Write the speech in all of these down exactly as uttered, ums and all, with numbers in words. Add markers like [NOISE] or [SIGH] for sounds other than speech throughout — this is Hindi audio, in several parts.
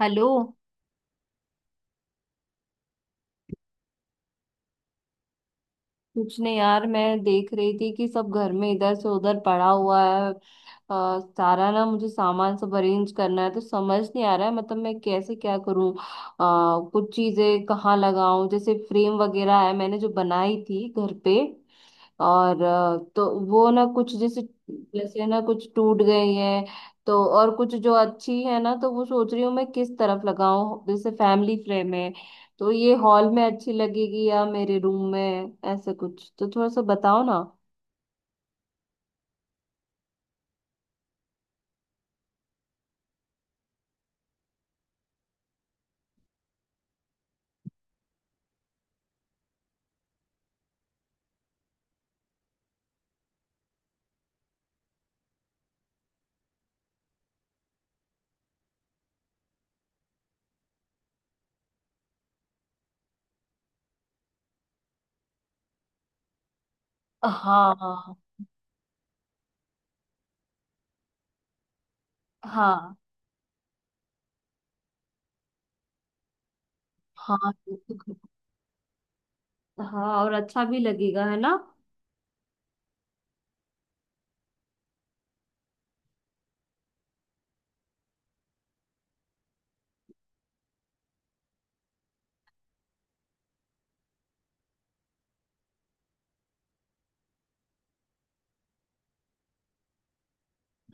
हेलो। कुछ नहीं यार, मैं देख रही थी कि सब घर में इधर से उधर पड़ा हुआ है। अ, सारा ना मुझे सामान सब अरेंज करना है, तो समझ नहीं आ रहा है मतलब मैं कैसे क्या करूं। अ, कुछ चीजें कहाँ लगाऊं, जैसे फ्रेम वगैरह है मैंने जो बनाई थी घर पे। और अ, तो वो ना कुछ जैसे जैसे ना कुछ टूट गई है। तो और कुछ जो अच्छी है ना, तो वो सोच रही हूँ मैं किस तरफ लगाऊं। जैसे फैमिली फ्रेम है तो ये हॉल में अच्छी लगेगी या मेरे रूम में, ऐसे कुछ तो थोड़ा सा बताओ ना। हाँ हाँ। हाँ हाँ। हाँ और अच्छा भी लगेगा है ना।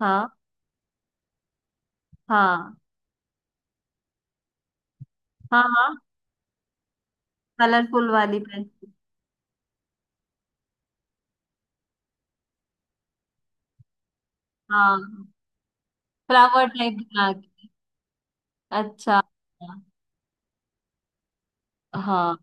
हाँ। हाँ। हाँ। हाँ, कलरफुल वाली पेंसिल। हाँ, फ्लावर टाइप बना के। अच्छा। हाँ।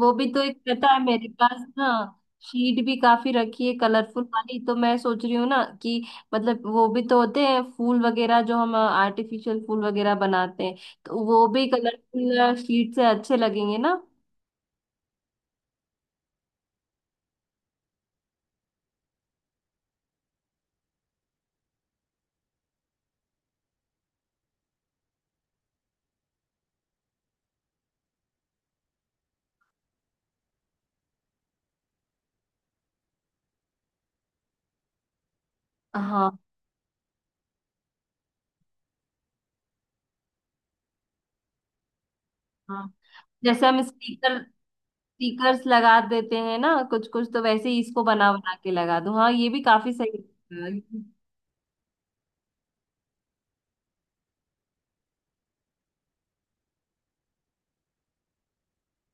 वो भी तो एक, पता है मेरे पास ना शीट भी काफी रखी है कलरफुल वाली, तो मैं सोच रही हूँ ना कि मतलब वो भी तो होते हैं फूल वगैरह जो हम आर्टिफिशियल फूल वगैरह बनाते हैं, तो वो भी कलरफुल शीट से अच्छे लगेंगे ना। हाँ। हाँ, जैसे हम स्टिकर, स्टिकर्स लगा देते हैं ना कुछ कुछ, तो वैसे ही इसको बना बना के लगा दूं। हाँ, ये भी काफी सही लगेगा।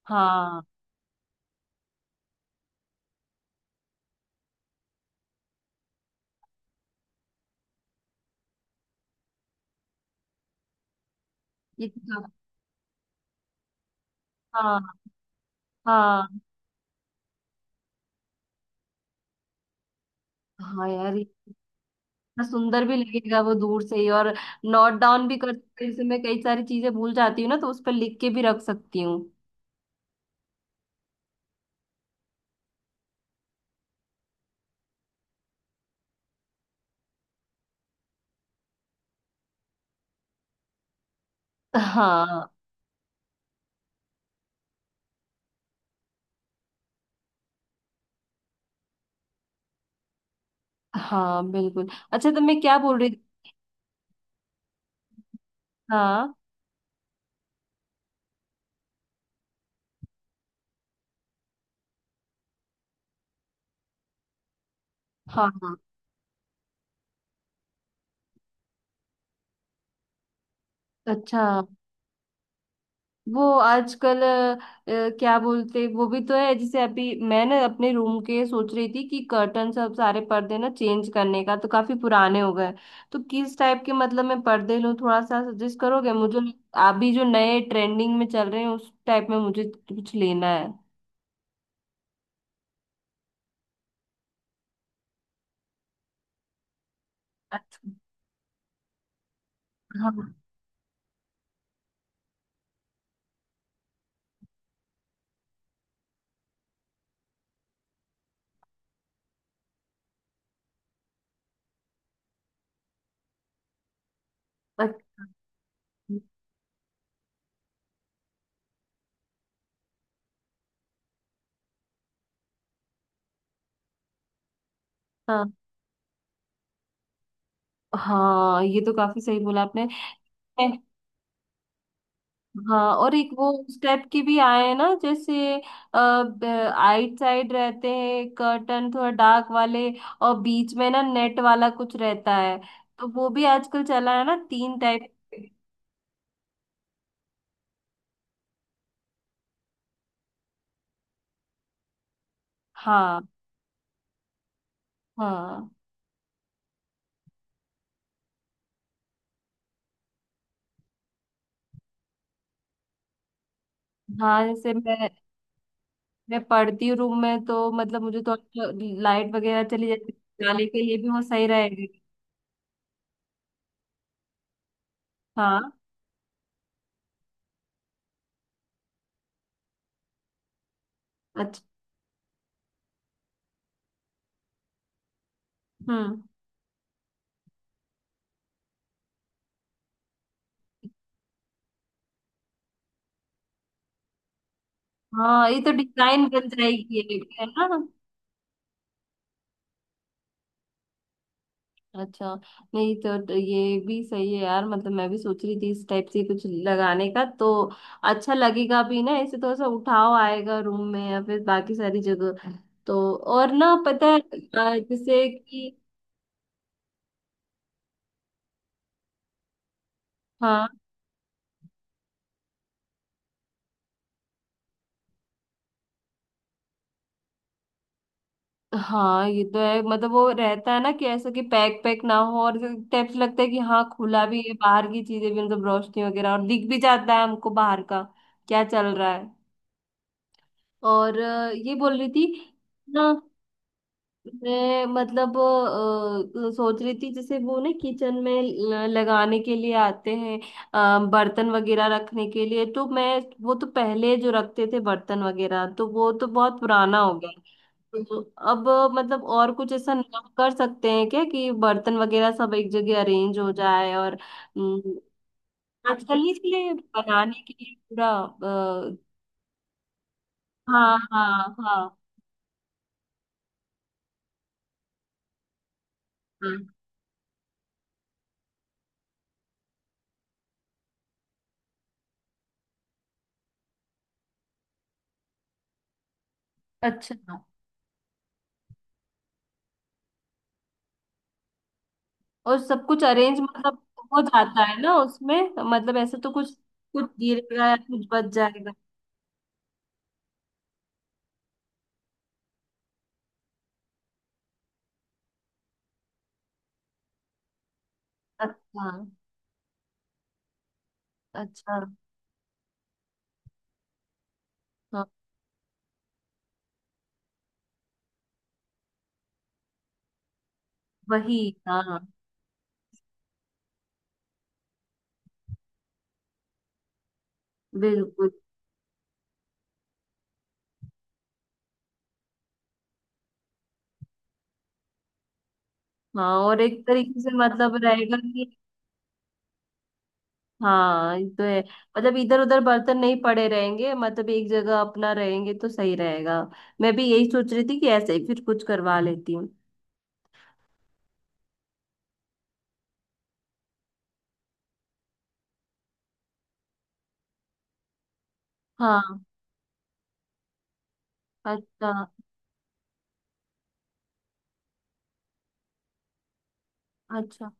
हाँ, ये तो काफी-। हाँ। हाँ। हाँ यार, इतना सुंदर भी लगेगा वो दूर से ही। और नोट डाउन भी कर सकते हैं। जैसे मैं कई सारी चीजें भूल जाती हूँ ना, तो उस पर लिख के भी रख सकती हूँ। हाँ। हाँ बिल्कुल। अच्छा, तो मैं क्या बोल रही थी। हाँ। हाँ। हाँ। अच्छा, वो आजकल अ, क्या बोलते वो भी तो है, जैसे अभी मैं ना अपने रूम के सोच रही थी कि कर्टन सब सारे पर्दे ना चेंज करने का, तो काफी पुराने हो गए। तो किस टाइप के मतलब मैं पर्दे लूँ, थोड़ा सा सजेस्ट करोगे मुझे। अभी जो नए ट्रेंडिंग में चल रहे हैं, उस टाइप में मुझे कुछ लेना है। अच्छा। हाँ। अच्छा। हाँ, हाँ ये तो काफी सही बोला आपने। हाँ, और एक वो उस टाइप के भी आए हैं ना जैसे आइट साइड रहते हैं कर्टन थोड़ा डार्क वाले, और बीच में ना नेट वाला कुछ रहता है। तो वो भी आजकल चला है ना, तीन टाइप। हाँ। हाँ। हाँ, जैसे मैं मैं पढ़ती हूँ रूम में, तो मतलब मुझे तो अच्छा लाइट वगैरह चली जाती है, जाने के लिए भी वो सही रहेगा। हाँ। अच्छा। हम्म। हाँ, ये तो डिजाइन बन जाएगी एक, है ना। अच्छा। नहीं तो, तो ये भी सही है यार, मतलब मैं भी सोच रही थी इस टाइप से कुछ लगाने का, तो अच्छा लगेगा भी ना, ऐसे थोड़ा सा उठाव आएगा रूम में या फिर बाकी सारी जगह। तो और ना पता है, अ, जैसे कि हाँ। हाँ ये तो है, मतलब वो रहता है ना कि ऐसा कि पैक पैक ना हो, और टाइप से लगता है कि हाँ, खुला भी है, बाहर की चीजें भी मतलब रोशनी वगैरह, और दिख भी जाता है हमको बाहर का क्या चल रहा है। और अ, ये बोल रही थी ना, मैं मतलब अ, सोच रही थी जैसे वो ना किचन में ल- लगाने के लिए आते हैं अ, बर्तन वगैरह रखने के लिए, तो मैं वो तो पहले जो रखते थे बर्तन वगैरह, तो वो तो बहुत पुराना हो गया। तो अब मतलब और कुछ ऐसा नया कर सकते हैं क्या कि बर्तन वगैरह सब एक जगह अरेंज हो जाए। और अम, आजकल नहीं इसलिए बनाने के लिए पूरा अ, हाँ। हाँ। हाँ। हाँ। अच्छा, और सब कुछ अरेंज मतलब हो जाता है ना उसमें, मतलब ऐसे तो कुछ कुछ गिरेगा या कुछ बच जाएगा। अच्छा। अच्छा। हाँ वही। हाँ बिल्कुल। हाँ, और एक तरीके से मतलब रहेगा कि हाँ, ये तो है। मतलब इधर उधर बर्तन नहीं पड़े रहेंगे, मतलब एक जगह अपना रहेंगे, तो सही रहेगा। मैं भी यही सोच रही थी कि ऐसे ही फिर कुछ करवा लेती हूँ। हाँ। अच्छा। अच्छा।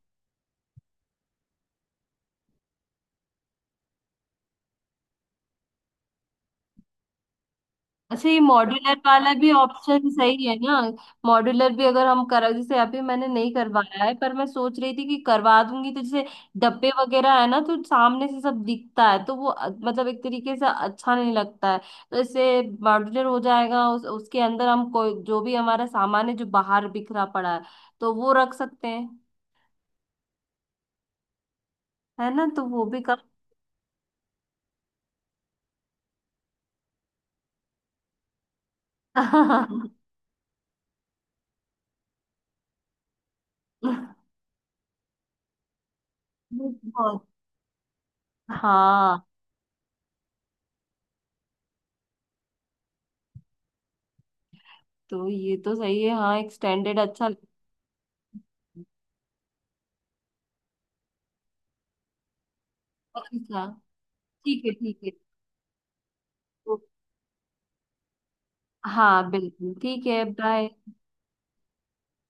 अच्छा, ये मॉड्यूलर वाला भी ऑप्शन सही है ना। मॉड्यूलर भी अगर हम करा, जैसे अभी मैंने नहीं करवाया है पर मैं सोच रही थी कि करवा दूंगी, तो जैसे डब्बे वगैरह है ना, तो सामने से सब दिखता है, तो वो अ- मतलब एक तरीके से अच्छा नहीं लगता है। तो इससे मॉड्यूलर हो जाएगा, उस, उसके अंदर हम कोई जो भी हमारा सामान है जो बाहर बिखरा पड़ा है, तो वो रख सकते हैं, है ना, तो वो भी कर [LAUGHS] बहुत। हाँ, तो ये तो सही है। हाँ, एक स्टैंडर्ड अच्छा लगता है। ठीक है, ठीक है। तो हाँ बिल्कुल, ठीक है, बाय।